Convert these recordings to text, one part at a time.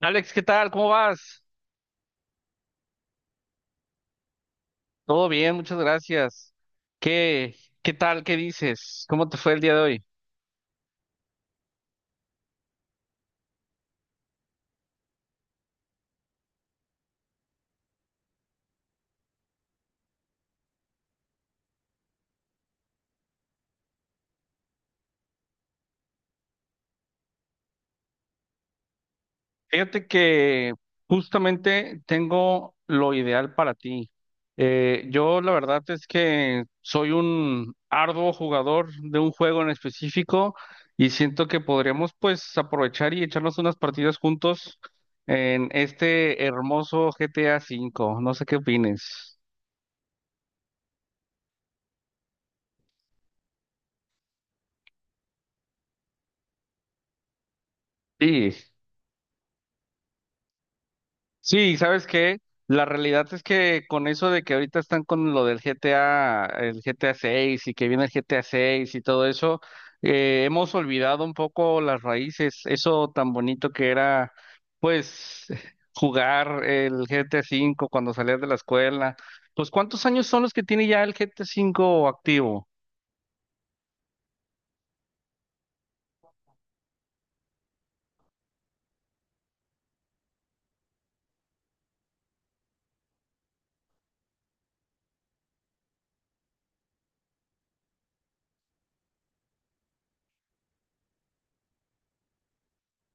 Alex, ¿qué tal? ¿Cómo vas? Todo bien, muchas gracias. ¿Qué, qué tal? ¿Qué dices? ¿Cómo te fue el día de hoy? Fíjate que justamente tengo lo ideal para ti. Yo la verdad es que soy un arduo jugador de un juego en específico y siento que podríamos pues aprovechar y echarnos unas partidas juntos en este hermoso GTA V. No sé qué opines. Sí, sí, ¿sabes qué? La realidad es que con eso de que ahorita están con lo del GTA, el GTA 6 y que viene el GTA 6 y todo eso, hemos olvidado un poco las raíces, eso tan bonito que era, pues, jugar el GTA 5 cuando salías de la escuela. Pues, ¿cuántos años son los que tiene ya el GTA 5 activo?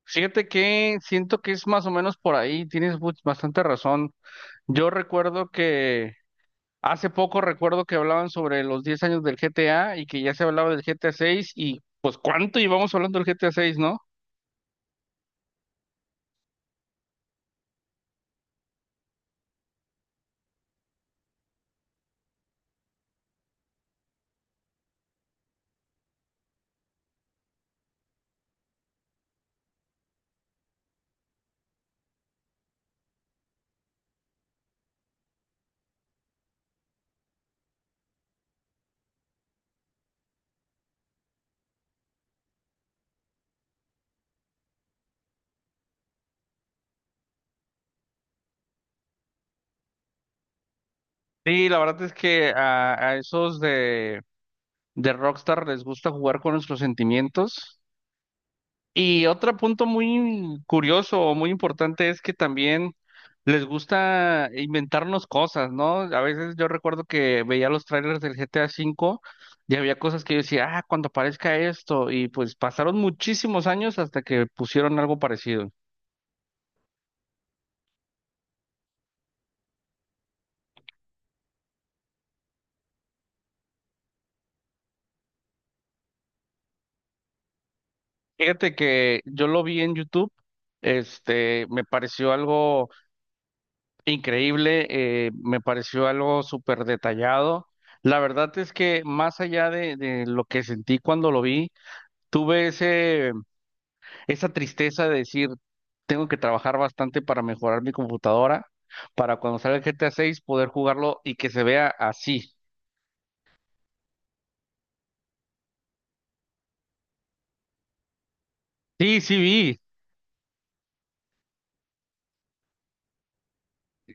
Fíjate que siento que es más o menos por ahí, tienes bastante razón. Yo recuerdo que Hace poco recuerdo que hablaban sobre los 10 años del GTA y que ya se hablaba del GTA 6 y pues cuánto llevamos hablando del GTA 6, ¿no? Sí, la verdad es que a esos de Rockstar les gusta jugar con nuestros sentimientos. Y otro punto muy curioso o muy importante es que también les gusta inventarnos cosas, ¿no? A veces yo recuerdo que veía los trailers del GTA V y había cosas que yo decía, ah, cuando aparezca esto, y pues pasaron muchísimos años hasta que pusieron algo parecido. Fíjate que yo lo vi en YouTube, este, me pareció algo increíble, me pareció algo súper detallado. La verdad es que más allá de lo que sentí cuando lo vi, tuve esa tristeza de decir, tengo que trabajar bastante para mejorar mi computadora, para cuando salga el GTA 6 poder jugarlo y que se vea así. Sí, sí, vi.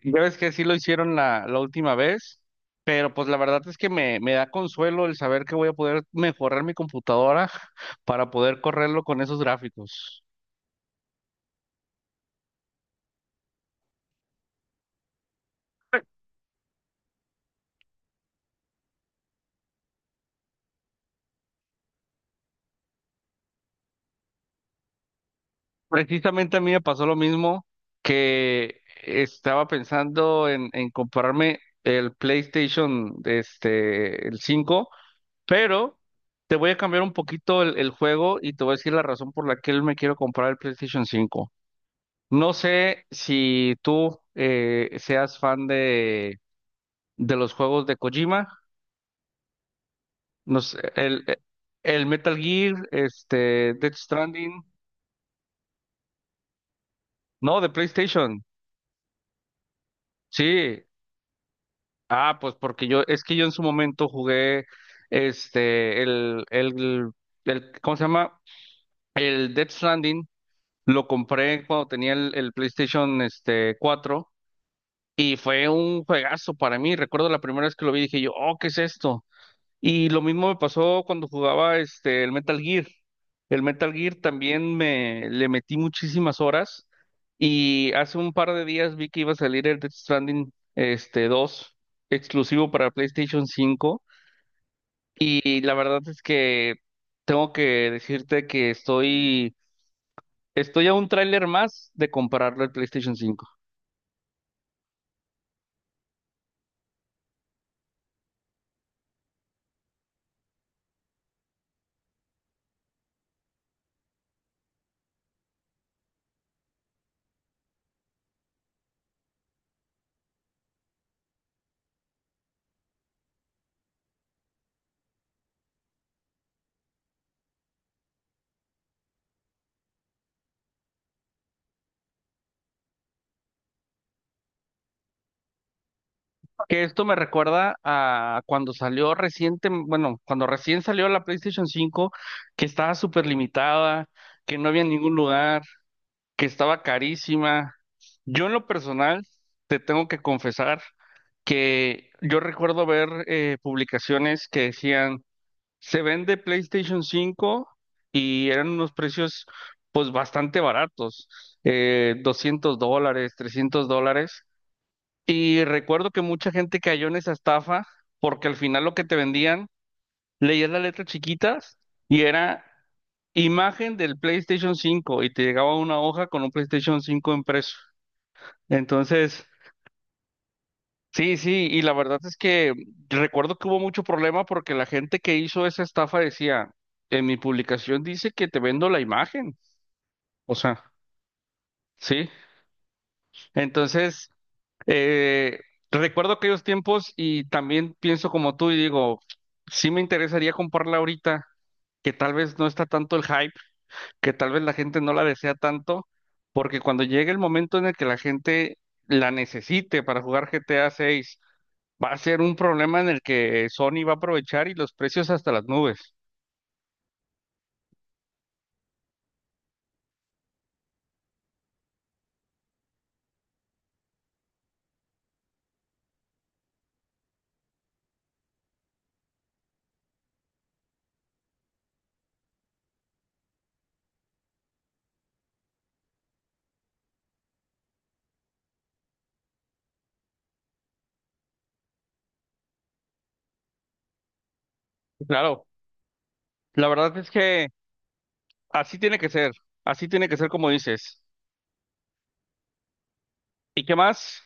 Ya ves que sí lo hicieron la última vez, pero pues la verdad es que me da consuelo el saber que voy a poder mejorar mi computadora para poder correrlo con esos gráficos. Precisamente a mí me pasó lo mismo que estaba pensando en comprarme el PlayStation, este, el 5. Pero te voy a cambiar un poquito el juego y te voy a decir la razón por la que él me quiero comprar el PlayStation 5. No sé si tú seas fan de los juegos de Kojima, no sé, el Metal Gear, este, Death Stranding, no, de PlayStation, sí. Ah, pues porque es que yo en su momento jugué este, ¿cómo se llama? El Death Stranding, lo compré cuando tenía el PlayStation este, 4 y fue un juegazo para mí. Recuerdo la primera vez que lo vi dije yo, oh, ¿qué es esto? Y lo mismo me pasó cuando jugaba este el Metal Gear. El Metal Gear también me le metí muchísimas horas y hace un par de días vi que iba a salir el Death Stranding este 2 exclusivo para PlayStation 5, y la verdad es que tengo que decirte que estoy a un tráiler más de comprarlo al PlayStation 5. Que esto me recuerda a cuando bueno, cuando recién salió la PlayStation 5, que estaba súper limitada, que no había en ningún lugar, que estaba carísima. Yo en lo personal te tengo que confesar que yo recuerdo ver publicaciones que decían, se vende PlayStation 5 y eran unos precios pues bastante baratos, $200, $300. Y recuerdo que mucha gente cayó en esa estafa porque al final lo que te vendían, leías las letras chiquitas y era imagen del PlayStation 5 y te llegaba una hoja con un PlayStation 5 impreso. Entonces, sí, sí, y la verdad es que recuerdo que hubo mucho problema porque la gente que hizo esa estafa decía, en mi publicación dice que te vendo la imagen. O sea, sí. Entonces, Eh, recuerdo aquellos tiempos y también pienso como tú y digo, sí me interesaría comprarla ahorita, que tal vez no está tanto el hype, que tal vez la gente no la desea tanto, porque cuando llegue el momento en el que la gente la necesite para jugar GTA 6, va a ser un problema en el que Sony va a aprovechar y los precios hasta las nubes. Claro, la verdad es que así tiene que ser, así tiene que ser como dices. ¿Y qué más?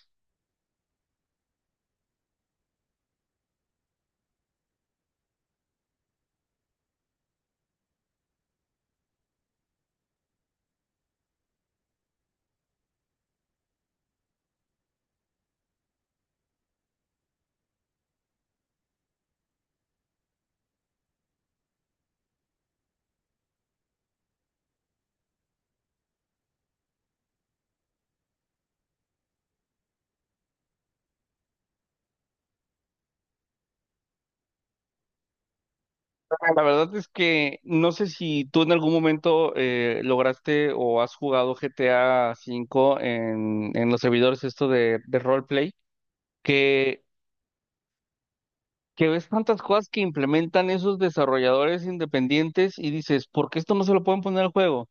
La verdad es que no sé si tú en algún momento lograste o has jugado GTA V en los servidores esto de roleplay, que, que ves tantas cosas que implementan esos desarrolladores independientes y dices, ¿por qué esto no se lo pueden poner al juego?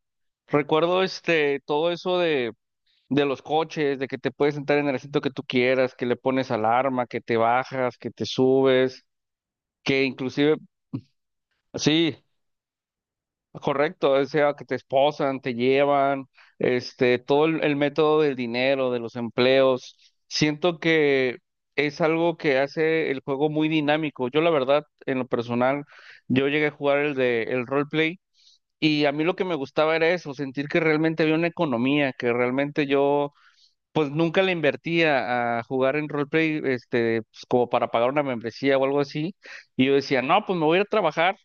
Recuerdo este todo eso de los coches, de que te puedes sentar en el asiento que tú quieras, que le pones alarma, que te bajas, que te subes, que inclusive. Sí, correcto, o sea, que te esposan, te llevan, este, todo el método del dinero, de los empleos. Siento que es algo que hace el juego muy dinámico. Yo, la verdad, en lo personal, yo llegué a jugar el de el roleplay y a mí lo que me gustaba era eso, sentir que realmente había una economía, que realmente yo pues nunca le invertí a jugar en roleplay, este, pues, como para pagar una membresía o algo así. Y yo decía, no, pues me voy a ir a trabajar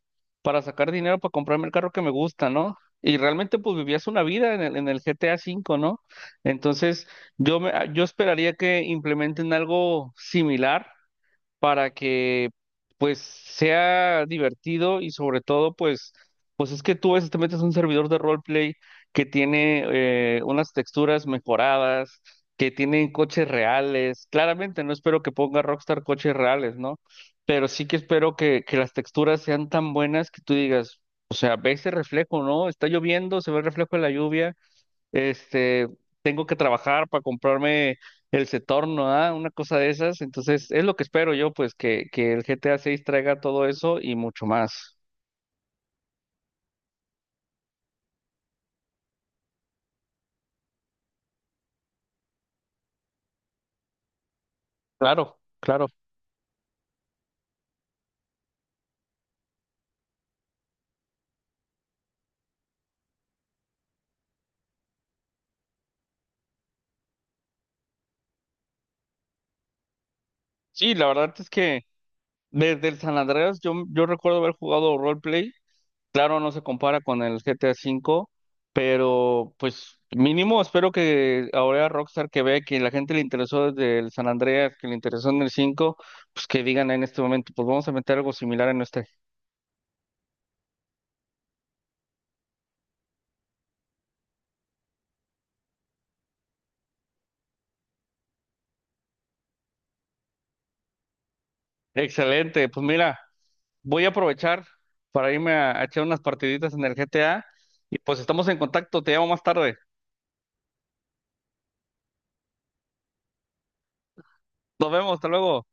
para sacar dinero para comprarme el carro que me gusta, ¿no? Y realmente pues vivías una vida en el GTA V, ¿no? Entonces yo esperaría que implementen algo similar para que pues sea divertido y sobre todo pues es que tú a veces te metes a un servidor de roleplay que tiene unas texturas mejoradas, que tienen coches reales. Claramente no espero que ponga Rockstar coches reales, ¿no? Pero sí que espero que las texturas sean tan buenas que tú digas, o sea, ve ese reflejo, ¿no? Está lloviendo, se ve el reflejo de la lluvia este, tengo que trabajar para comprarme el Setorno, ¿ah? Una cosa de esas. Entonces, es lo que espero yo, pues, que el GTA 6 traiga todo eso y mucho más. Claro, claro. Sí, la verdad es que desde el San Andreas yo recuerdo haber jugado roleplay. Claro, no se compara con el GTA 5, pero pues mínimo espero que ahora Rockstar que vea que la gente le interesó desde el San Andreas, que le interesó en el 5, pues que digan en este momento, pues vamos a meter algo similar en nuestra. Excelente, pues mira, voy a aprovechar para irme a echar unas partiditas en el GTA y pues estamos en contacto, te llamo más tarde. Nos vemos, hasta luego.